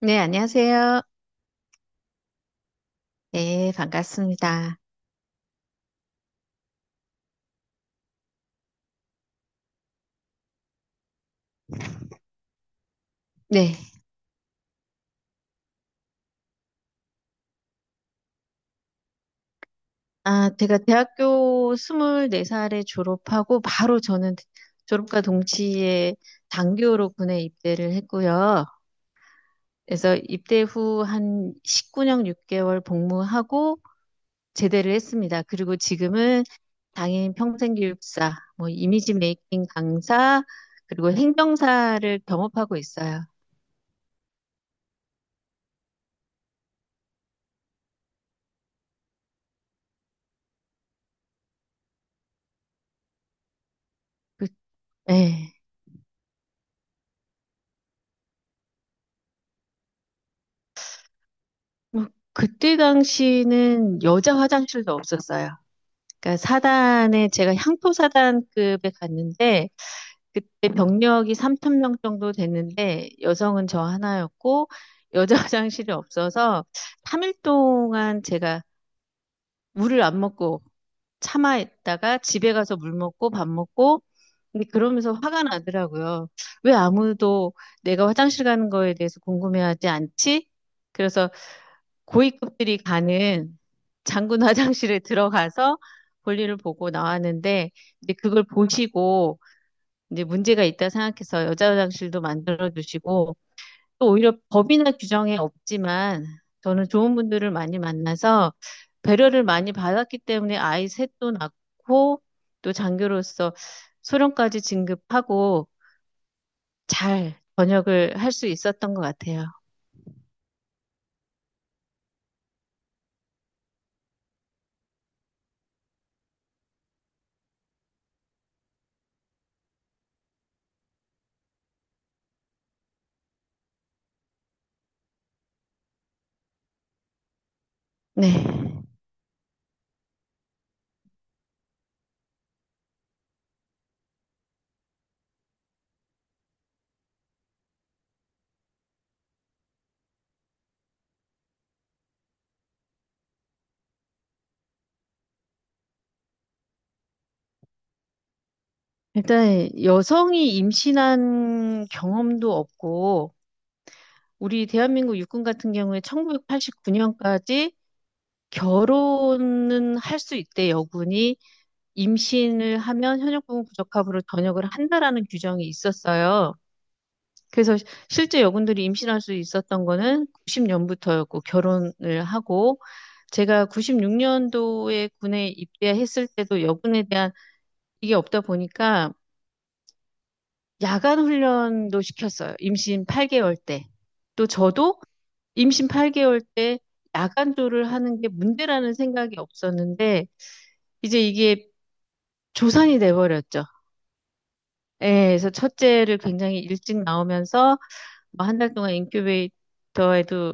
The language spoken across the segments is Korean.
네, 안녕하세요. 네, 반갑습니다. 네. 아, 제가 대학교 24살에 졸업하고 바로 저는 졸업과 동시에 장교로 군에 입대를 했고요. 그래서 입대 후 한 19년 6개월 복무하고 제대를 했습니다. 그리고 지금은 당인 평생교육사, 뭐 이미지 메이킹 강사, 그리고 행정사를 겸업하고 있어요. 그, 네. 뭐, 그때 당시는 여자 화장실도 없었어요. 그러니까 사단에 제가 향토 사단급에 갔는데 그때 병력이 3천 명 정도 됐는데 여성은 저 하나였고 여자 화장실이 없어서 3일 동안 제가 물을 안 먹고 참아 있다가 집에 가서 물 먹고 밥 먹고, 근데 그러면서 화가 나더라고요. 왜 아무도 내가 화장실 가는 거에 대해서 궁금해하지 않지? 그래서 고위급들이 가는 장군 화장실에 들어가서 볼일을 보고 나왔는데 이제 그걸 보시고 이제 문제가 있다 생각해서 여자 화장실도 만들어 주시고, 또 오히려 법이나 규정에 없지만 저는 좋은 분들을 많이 만나서 배려를 많이 받았기 때문에 아이 셋도 낳고 또 장교로서 소령까지 진급하고 잘 전역을 할 수 있었던 것 같아요. 네. 일단 여성이 임신한 경험도 없고, 우리 대한민국 육군 같은 경우에 1989년까지 결혼은 할 수 있대, 여군이. 임신을 하면 현역부분 부적합으로 전역을 한다라는 규정이 있었어요. 그래서 실제 여군들이 임신할 수 있었던 거는 90년부터였고, 결혼을 하고 제가 96년도에 군에 입대했을 때도 여군에 대한 이게 없다 보니까 야간 훈련도 시켰어요. 임신 8개월 때. 또 저도 임신 8개월 때 야간조를 하는 게 문제라는 생각이 없었는데 이제 이게 조산이 돼버렸죠. 예, 그래서 첫째를 굉장히 일찍 나오면서 한 달 동안 인큐베이터에도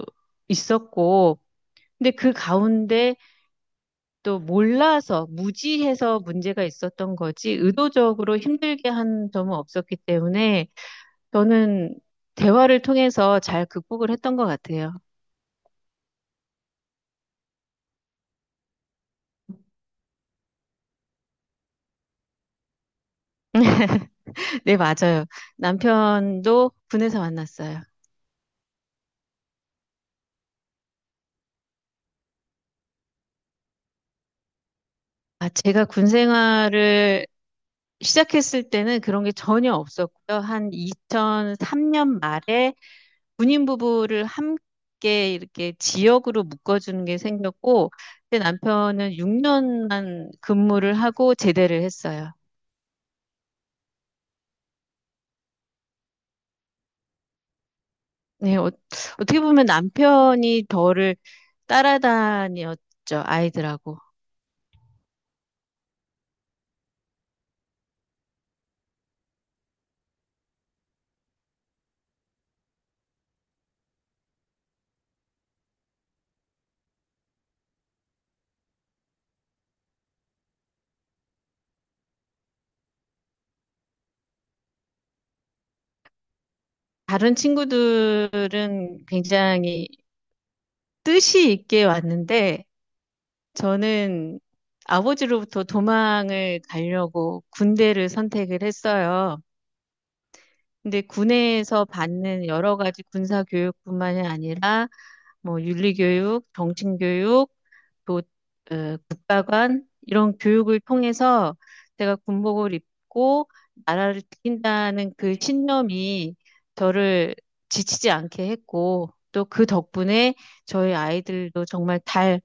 있었고, 근데 그 가운데 또 몰라서 무지해서 문제가 있었던 거지 의도적으로 힘들게 한 점은 없었기 때문에 저는 대화를 통해서 잘 극복을 했던 것 같아요. 네, 맞아요. 남편도 군에서 만났어요. 아, 제가 군 생활을 시작했을 때는 그런 게 전혀 없었고요. 한 2003년 말에 군인 부부를 함께 이렇게 지역으로 묶어주는 게 생겼고, 제 남편은 6년만 근무를 하고 제대를 했어요. 네, 어 떻게 보면 남편이 저를 따라다녔죠, 아이들하고. 다른 친구들은 굉장히 뜻이 있게 왔는데, 저는 아버지로부터 도망을 가려고 군대를 선택을 했어요. 근데 군에서 받는 여러 가지 군사 교육뿐만이 아니라 뭐 윤리 교육, 정신 교육, 또 국가관 이런 교육을 통해서 제가 군복을 입고 나라를 지킨다는 그 신념이 저를 지치지 않게 했고, 또 그 덕분에 저희 아이들도 정말 잘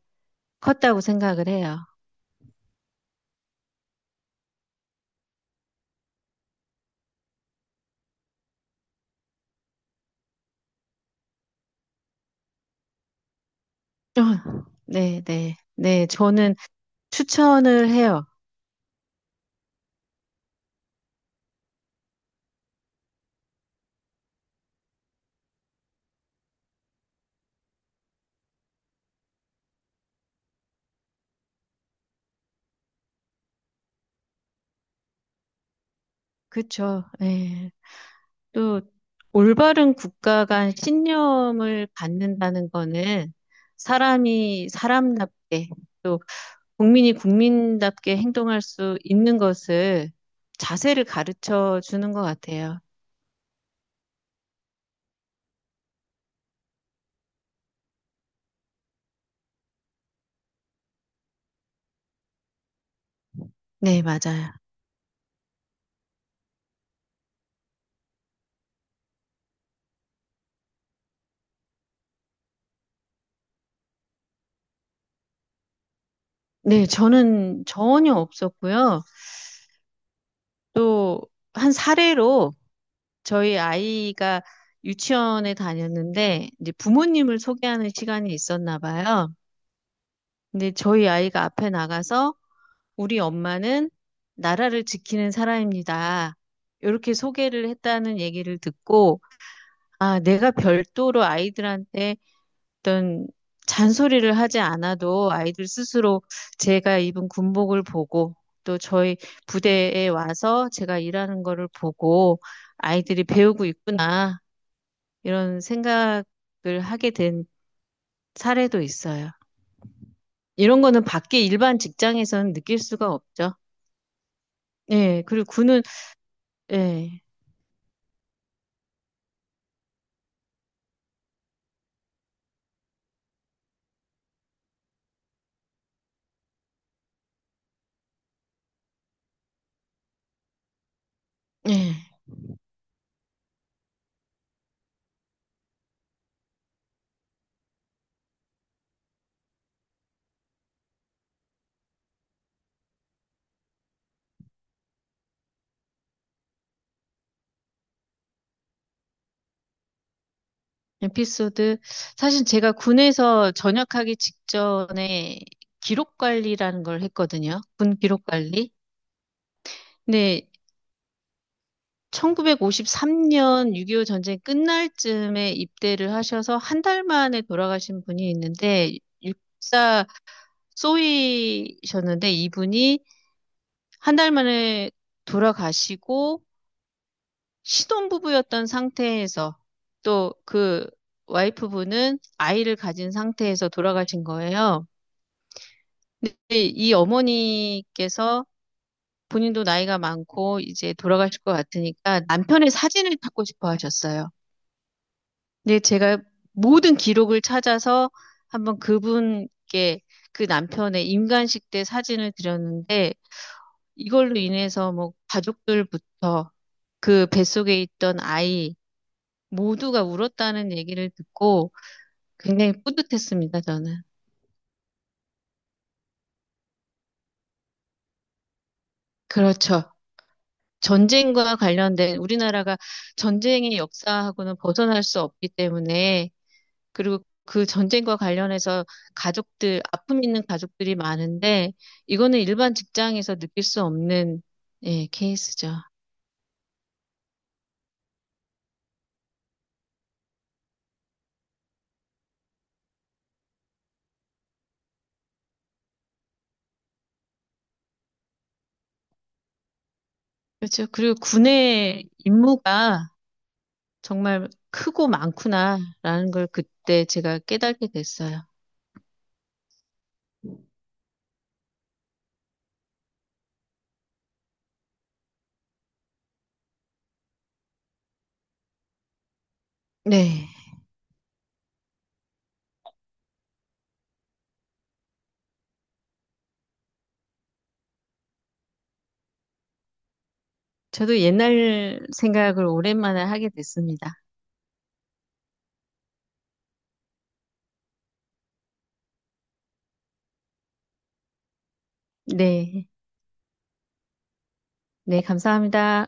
컸다고 생각을 해요. 네, 네, 네. 저는 추천을 해요. 그쵸. 네. 또 올바른 국가간 신념을 갖는다는 거는 사람이 사람답게 또 국민이 국민답게 행동할 수 있는 것을, 자세를 가르쳐 주는 것 같아요. 네, 맞아요. 네, 저는 전혀 없었고요. 또 한 사례로 저희 아이가 유치원에 다녔는데 이제 부모님을 소개하는 시간이 있었나 봐요. 근데 저희 아이가 앞에 나가서 우리 엄마는 나라를 지키는 사람입니다, 이렇게 소개를 했다는 얘기를 듣고, 아, 내가 별도로 아이들한테 어떤 잔소리를 하지 않아도 아이들 스스로 제가 입은 군복을 보고 또 저희 부대에 와서 제가 일하는 거를 보고 아이들이 배우고 있구나, 이런 생각을 하게 된 사례도 있어요. 이런 거는 밖에 일반 직장에서는 느낄 수가 없죠. 예, 그리고 군은, 예. 예. 에피소드. 사실 제가 군에서 전역하기 직전에 기록 관리라는 걸 했거든요. 군 기록 관리. 근데 1953년 6.25 전쟁 끝날 쯤에 입대를 하셔서 한 달 만에 돌아가신 분이 있는데 육사 쏘이셨는데, 이분이 한 달 만에 돌아가시고 신혼부부였던 상태에서 또 그 와이프분은 아이를 가진 상태에서 돌아가신 거예요. 근데 이 어머니께서 본인도 나이가 많고 이제 돌아가실 것 같으니까 남편의 사진을 찾고 싶어 하셨어요. 근데 제가 모든 기록을 찾아서 한번 그분께 그 남편의 임관식 때 사진을 드렸는데 이걸로 인해서 뭐 가족들부터 그 뱃속에 있던 아이 모두가 울었다는 얘기를 듣고 굉장히 뿌듯했습니다, 저는. 그렇죠. 전쟁과 관련된, 우리나라가 전쟁의 역사하고는 벗어날 수 없기 때문에, 그리고 그 전쟁과 관련해서 가족들, 아픔 있는 가족들이 많은데 이거는 일반 직장에서 느낄 수 없는, 예, 케이스죠. 그렇죠. 그리고 군의 임무가 정말 크고 많구나라는 걸 그때 제가 깨닫게 됐어요. 네. 저도 옛날 생각을 오랜만에 하게 됐습니다. 네. 네, 감사합니다.